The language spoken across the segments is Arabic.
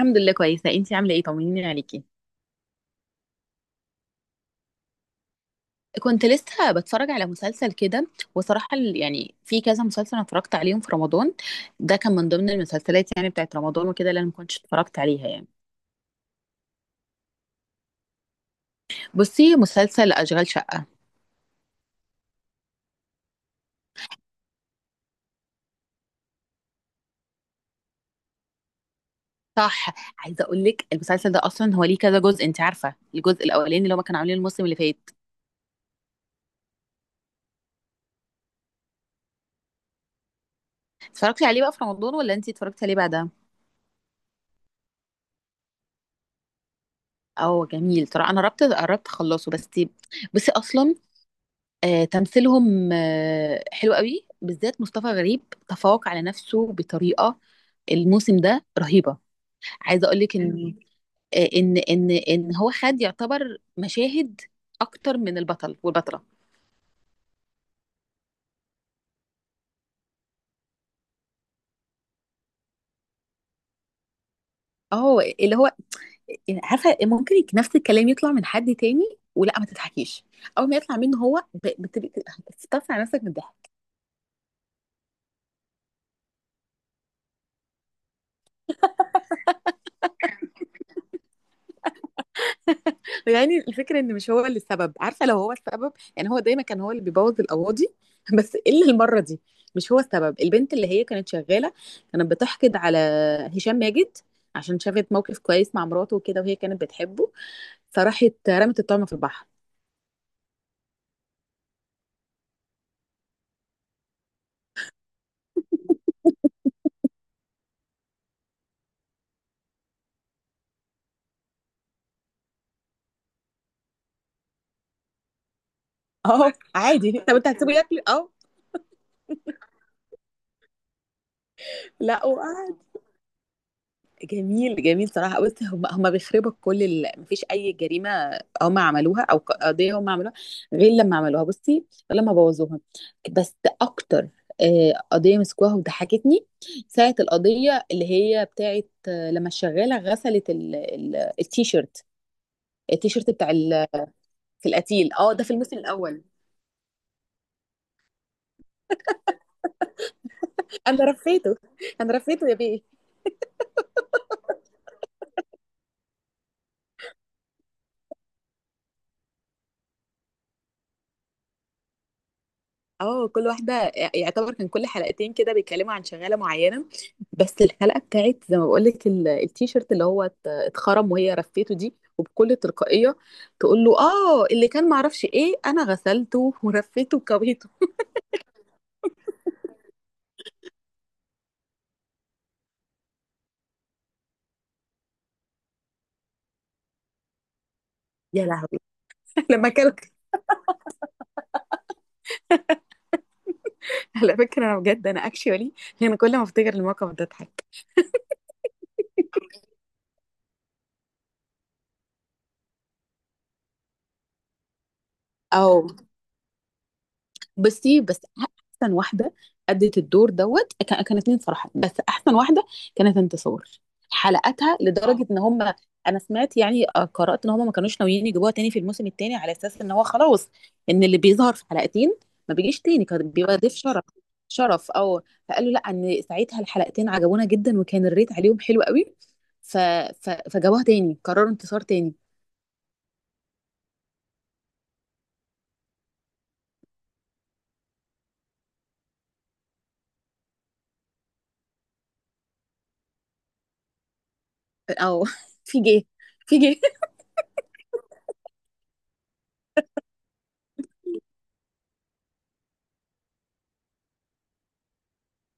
الحمد لله كويسة، انتي عاملة ايه؟ طمنيني عليكي. كنت لسه بتفرج على مسلسل كده. وصراحة يعني في كذا مسلسل انا اتفرجت عليهم في رمضان. ده كان من ضمن المسلسلات يعني بتاعت رمضان وكده اللي انا ما كنتش اتفرجت عليها يعني. بصي، مسلسل اشغال شقة. صح. عايزة اقول لك المسلسل ده اصلا هو ليه كذا جزء، انت عارفة الجزء الاولاني اللي هما كانوا عاملينه الموسم اللي فات. اتفرجتي عليه بقى في رمضان ولا انتي اتفرجتي عليه بعدها؟ اه جميل، ترى انا قربت قربت اخلصه بس. بصي اصلا. تمثيلهم حلو قوي بالذات مصطفى غريب. تفوق على نفسه بطريقة. الموسم ده رهيبة. عايزة اقول لك ان ان هو خد يعتبر مشاهد اكتر من البطل والبطلة. اهو اللي هو. عارفة، ممكن نفس الكلام يطلع من حد تاني ولا ما تضحكيش. اول ما يطلع منه هو بتبقي بتستفسر على نفسك من الضحك. يعني الفكرة ان مش هو اللي السبب، عارفة لو هو السبب يعني، هو دايما كان هو اللي بيبوظ القواضي. بس الا المرة دي. مش هو السبب، البنت اللي هي كانت شغالة كانت بتحقد على هشام ماجد عشان شافت موقف كويس مع مراته وكده، وهي كانت بتحبه. فراحت رمت الطعمة في البحر. اه، عادي، طب انت هتسيبه ياكل، اه. لا. جميل، جميل صراحة. بُص، هم بيخربوا كل ال، ما فيش أي جريمة هم عملوها، أو قضية هم عملوها غير لمّا عملوها، بُصّي، غير لمّا بوّظوها. بس أكتر قضية مسكوها وضحكتني، ساعة القضية اللي هي بتاعة لمّا الشغالة غسلت ال التيشيرت، التيشيرت بتاع ال في القتيل. آه، ده في الموسم الأول. أنا رفيته، أنا رفيته يا بيه. اه، كل واحدة يعتبر كان كل حلقتين كده بيتكلموا عن شغالة معينة. بس الحلقة بتاعت زي ما بقولك التيشيرت اللي هو اتخرم وهي رفيته دي وبكل تلقائية تقول له اه اللي كان معرفش ايه، انا غسلته ورفيته وكويته. يا لهوي. لما كان على فكرة انا بجد انا اكشولي، يعني كل ما افتكر الموقف ده اضحك. اه، بصي، بس احسن واحده ادت الدور كانت مين صراحه، بس احسن واحده كانت انتصار. حلقتها لدرجه اه ان هم، انا سمعت يعني، قرات ان هم ما كانوش ناويين يجيبوها تاني في الموسم التاني على اساس ان هو خلاص، ان اللي بيظهر في حلقتين ما بيجيش تاني كان بيبقى ضيف شرف. شرف او فقالوا لا ان ساعتها الحلقتين عجبونا جدا، وكان الريت عليهم حلو قوي، ف... فجابوها تاني، قرروا انتصار تاني. او في جه، في جه.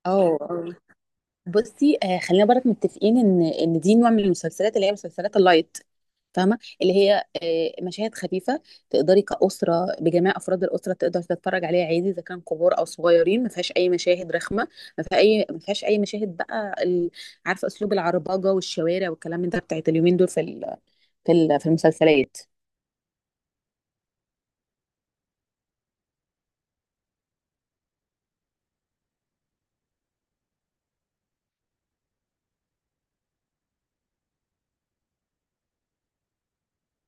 اه، بصي، خلينا برك متفقين ان دي نوع من المسلسلات اللي هي مسلسلات اللايت، فاهمه اللي هي مشاهد خفيفه. تقدري كاسره بجميع افراد الاسره، تقدر تتفرج عليها عادي اذا كان كبار او صغيرين، ما فيهاش اي مشاهد رخمه. ما فيهاش اي مشاهد بقى عارفه، اسلوب العربجه والشوارع والكلام من ده بتاعت اليومين دول في المسلسلات.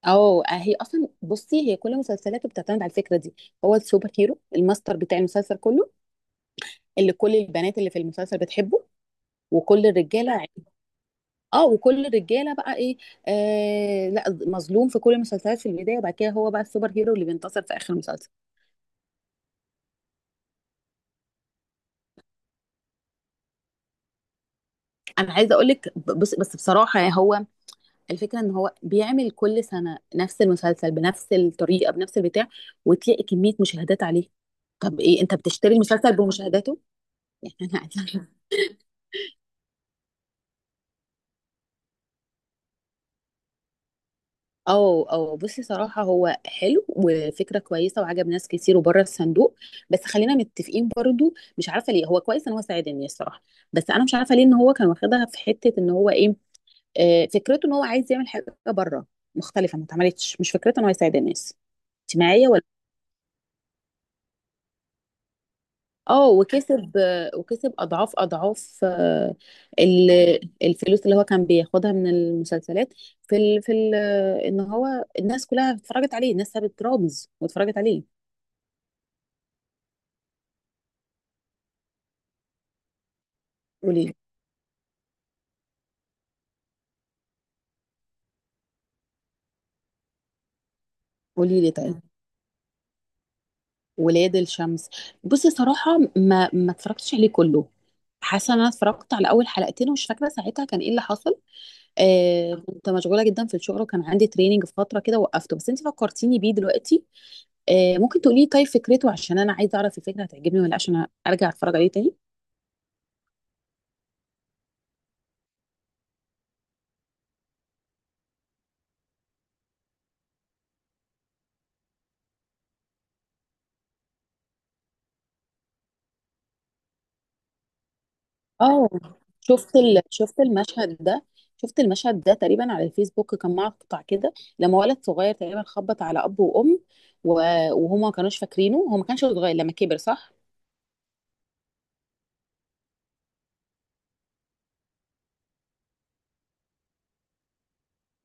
او، هي اصلا بصي، هي كل مسلسلاته بتعتمد على الفكره دي. هو السوبر هيرو الماستر بتاع المسلسل كله، اللي كل البنات اللي في المسلسل بتحبه، وكل الرجاله اه وكل الرجاله بقى ايه، لا، مظلوم في كل المسلسلات في البدايه، وبعد كده هو بقى السوبر هيرو اللي بينتصر في اخر المسلسل. انا عايزه اقول لك، بس بصراحه يعني هو، الفكره ان هو بيعمل كل سنه نفس المسلسل بنفس الطريقه بنفس البتاع، وتلاقي كميه مشاهدات عليه. طب ايه، انت بتشتري المسلسل بمشاهداته؟ يعني. اه، اه، بصي صراحة هو حلو وفكرة كويسة وعجب ناس كتير وبره الصندوق. بس خلينا متفقين برضو، مش عارفة ليه، هو كويس ان هو ساعد الناس صراحة. بس انا مش عارفة ليه ان هو كان واخدها في حتة ان هو ايه، فكرته ان هو عايز يعمل حاجة بره مختلفة ما اتعملتش، مش فكرته ان هو يساعد الناس. انت معايا ولا؟ اه وكسب، وكسب اضعاف اضعاف، ال- الفلوس اللي هو كان بياخدها من المسلسلات في ال... في ال... ان هو الناس كلها اتفرجت عليه، الناس سابت رامز واتفرجت عليه. قولي لي. قولي لي طيب. ولاد الشمس. بصي صراحة ما اتفرجتش عليه كله. حاسة ان انا اتفرجت على اول حلقتين ومش فاكرة ساعتها كان ايه اللي حصل. كنت مشغولة جدا في الشغل وكان عندي تريننج في فترة كده وقفته، بس انت فكرتيني بيه دلوقتي. ممكن تقولي لي طيب فكرته، عشان انا عايزة اعرف الفكرة هتعجبني ولا لأ، عشان ارجع اتفرج عليه تاني. اه، شفت ال... شفت المشهد ده شفت المشهد ده تقريبا على الفيسبوك، كان مقطع كده، لما ولد صغير تقريبا خبط على اب وام و... وهما ما كانوش فاكرينه، هو ما كانش صغير لما كبر صح؟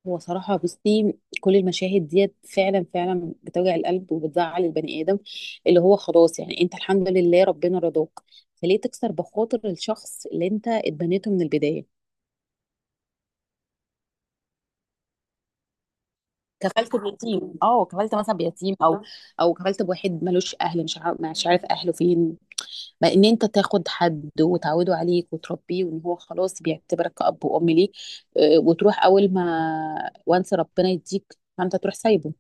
هو صراحة بصي، كل المشاهد ديت فعلا فعلا بتوجع القلب وبتزعل البني آدم، اللي هو خلاص يعني، انت الحمد لله ربنا رضاك، فليه تكسر بخاطر الشخص اللي انت اتبنيته من البداية؟ كفلت بيتيم، اه، كفلت مثلا بيتيم او او كفلت بواحد ملوش اهل، مش عارف اهله فين. ما ان انت تاخد حد وتعوده عليك وتربيه وان هو خلاص بيعتبرك كأب وأم ليه، وتروح اول ما وانس ربنا يديك فانت تروح سايبه.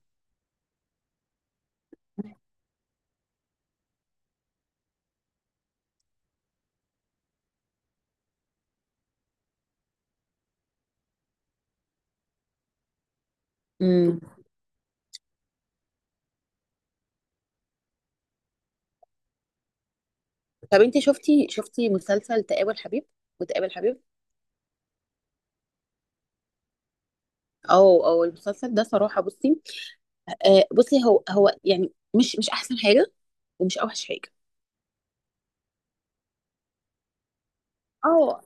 امم طب انت شفتي مسلسل تقابل حبيب وتقابل حبيب؟ او المسلسل ده صراحة بصي، بصي هو يعني مش احسن حاجة ومش اوحش حاجة. اه،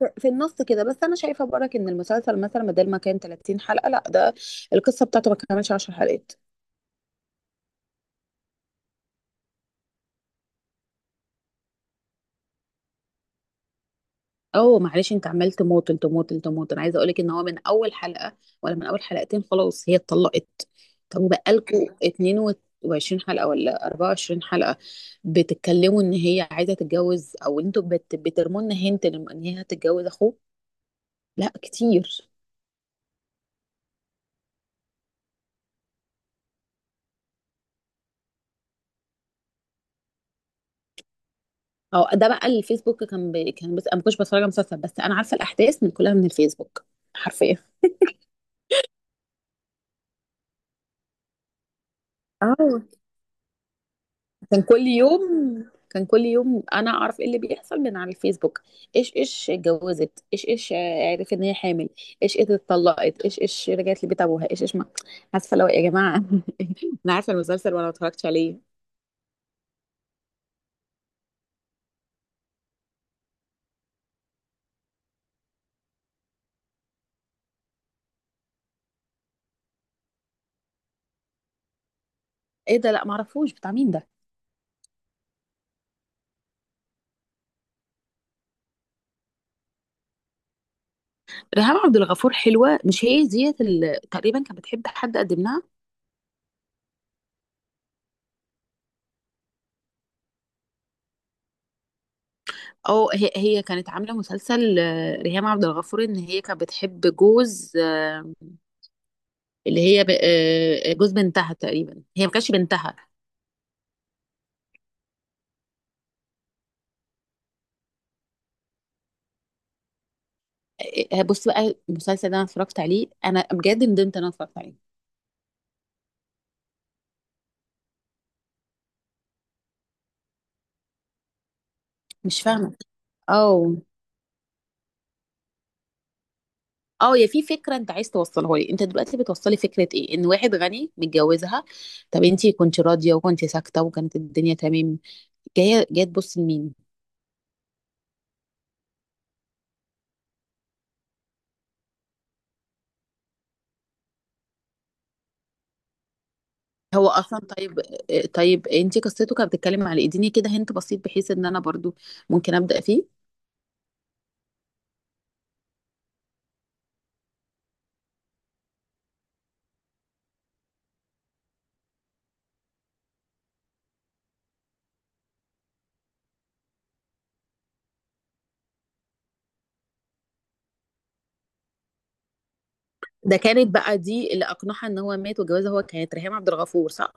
في النص كده، بس انا شايفه برك ان المسلسل مثلا بدل ما كان 30 حلقه، لا ده القصه بتاعته ما كملش 10 حلقات. اه، معلش، انت عمال تماطل تماطل تماطل. انا عايزه اقولك ان هو من اول حلقه ولا من اول حلقتين خلاص هي اتطلقت. طب وبقالكوا 22 حلقه ولا 24 حلقه، بتتكلموا ان هي عايزه تتجوز، او انتوا بترموا لنا هنت ان هي هتتجوز اخوه. لا، كتير. او ده بقى الفيسبوك، كان، بس انا ما كنتش بتفرج على مسلسل، بس انا عارفه الاحداث من كلها من الفيسبوك، حرفيا. اه، كان كل يوم، كان كل يوم انا اعرف ايه اللي بيحصل من على الفيسبوك. ايش ايش اتجوزت، ايش ايش عرفت ان هي حامل، ايش ايش اتطلقت، ايش ايش رجعت لبيت ابوها، ايش ايش ما عارفه، لو يا جماعه. انا عارفه المسلسل وانا ما اتفرجتش عليه. ايه ده؟ لا ما اعرفوش بتاع مين ده. ريهام عبد الغفور حلوه، مش هي ديت تقريبا كانت بتحب حد قدم لها؟ او هي كانت عامله مسلسل، ريهام عبد الغفور ان هي كانت بتحب جوز، اللي هي جوز بنتها تقريبا، هي ما كانتش بنتها. إيه، بص بقى، المسلسل ده انا اتفرجت عليه، انا بجد ندمت ان انا اتفرجت عليه. مش فاهمه. اه، اه، يا في فكره انت عايز توصلها لي، انت دلوقتي بتوصلي فكره ايه؟ ان واحد غني متجوزها؟ طب انت كنت راضيه وكنت ساكته وكانت الدنيا تمام، جايه جايه تبص لمين؟ هو اصلا طيب. طيب، انت قصته كانت بتتكلم على ايه؟ اديني كده هنت بسيط بحيث ان انا برضو ممكن ابدا فيه. ده كانت بقى دي اللي اقنعها ان هو مات وجوازها هو كانت ريهام عبد الغفور صح؟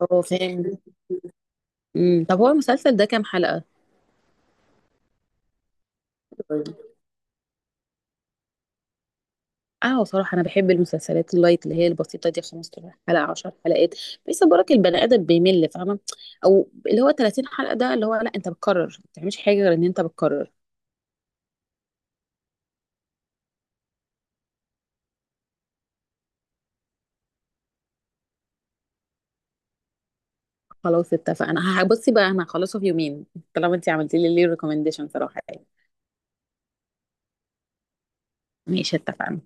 اه، فاهم. طب هو المسلسل ده كام حلقه؟ اه، صراحة أنا بحب المسلسلات اللايت اللي هي البسيطة، دي 15 حلقة، 10 حلقات، بحيث برك البني آدم بيمل، فاهمة. أو اللي هو 30 حلقة، ده اللي هو لا، أنت بتكرر، ما بتعملش حاجة غير إن أنت بتكرر. خلاص، اتفقنا، هبصي بقى، أنا هخلصه في يومين. طالما أنت عملتي لي ليه ريكومنديشن صراحة يعني. ماشي، اتفقنا.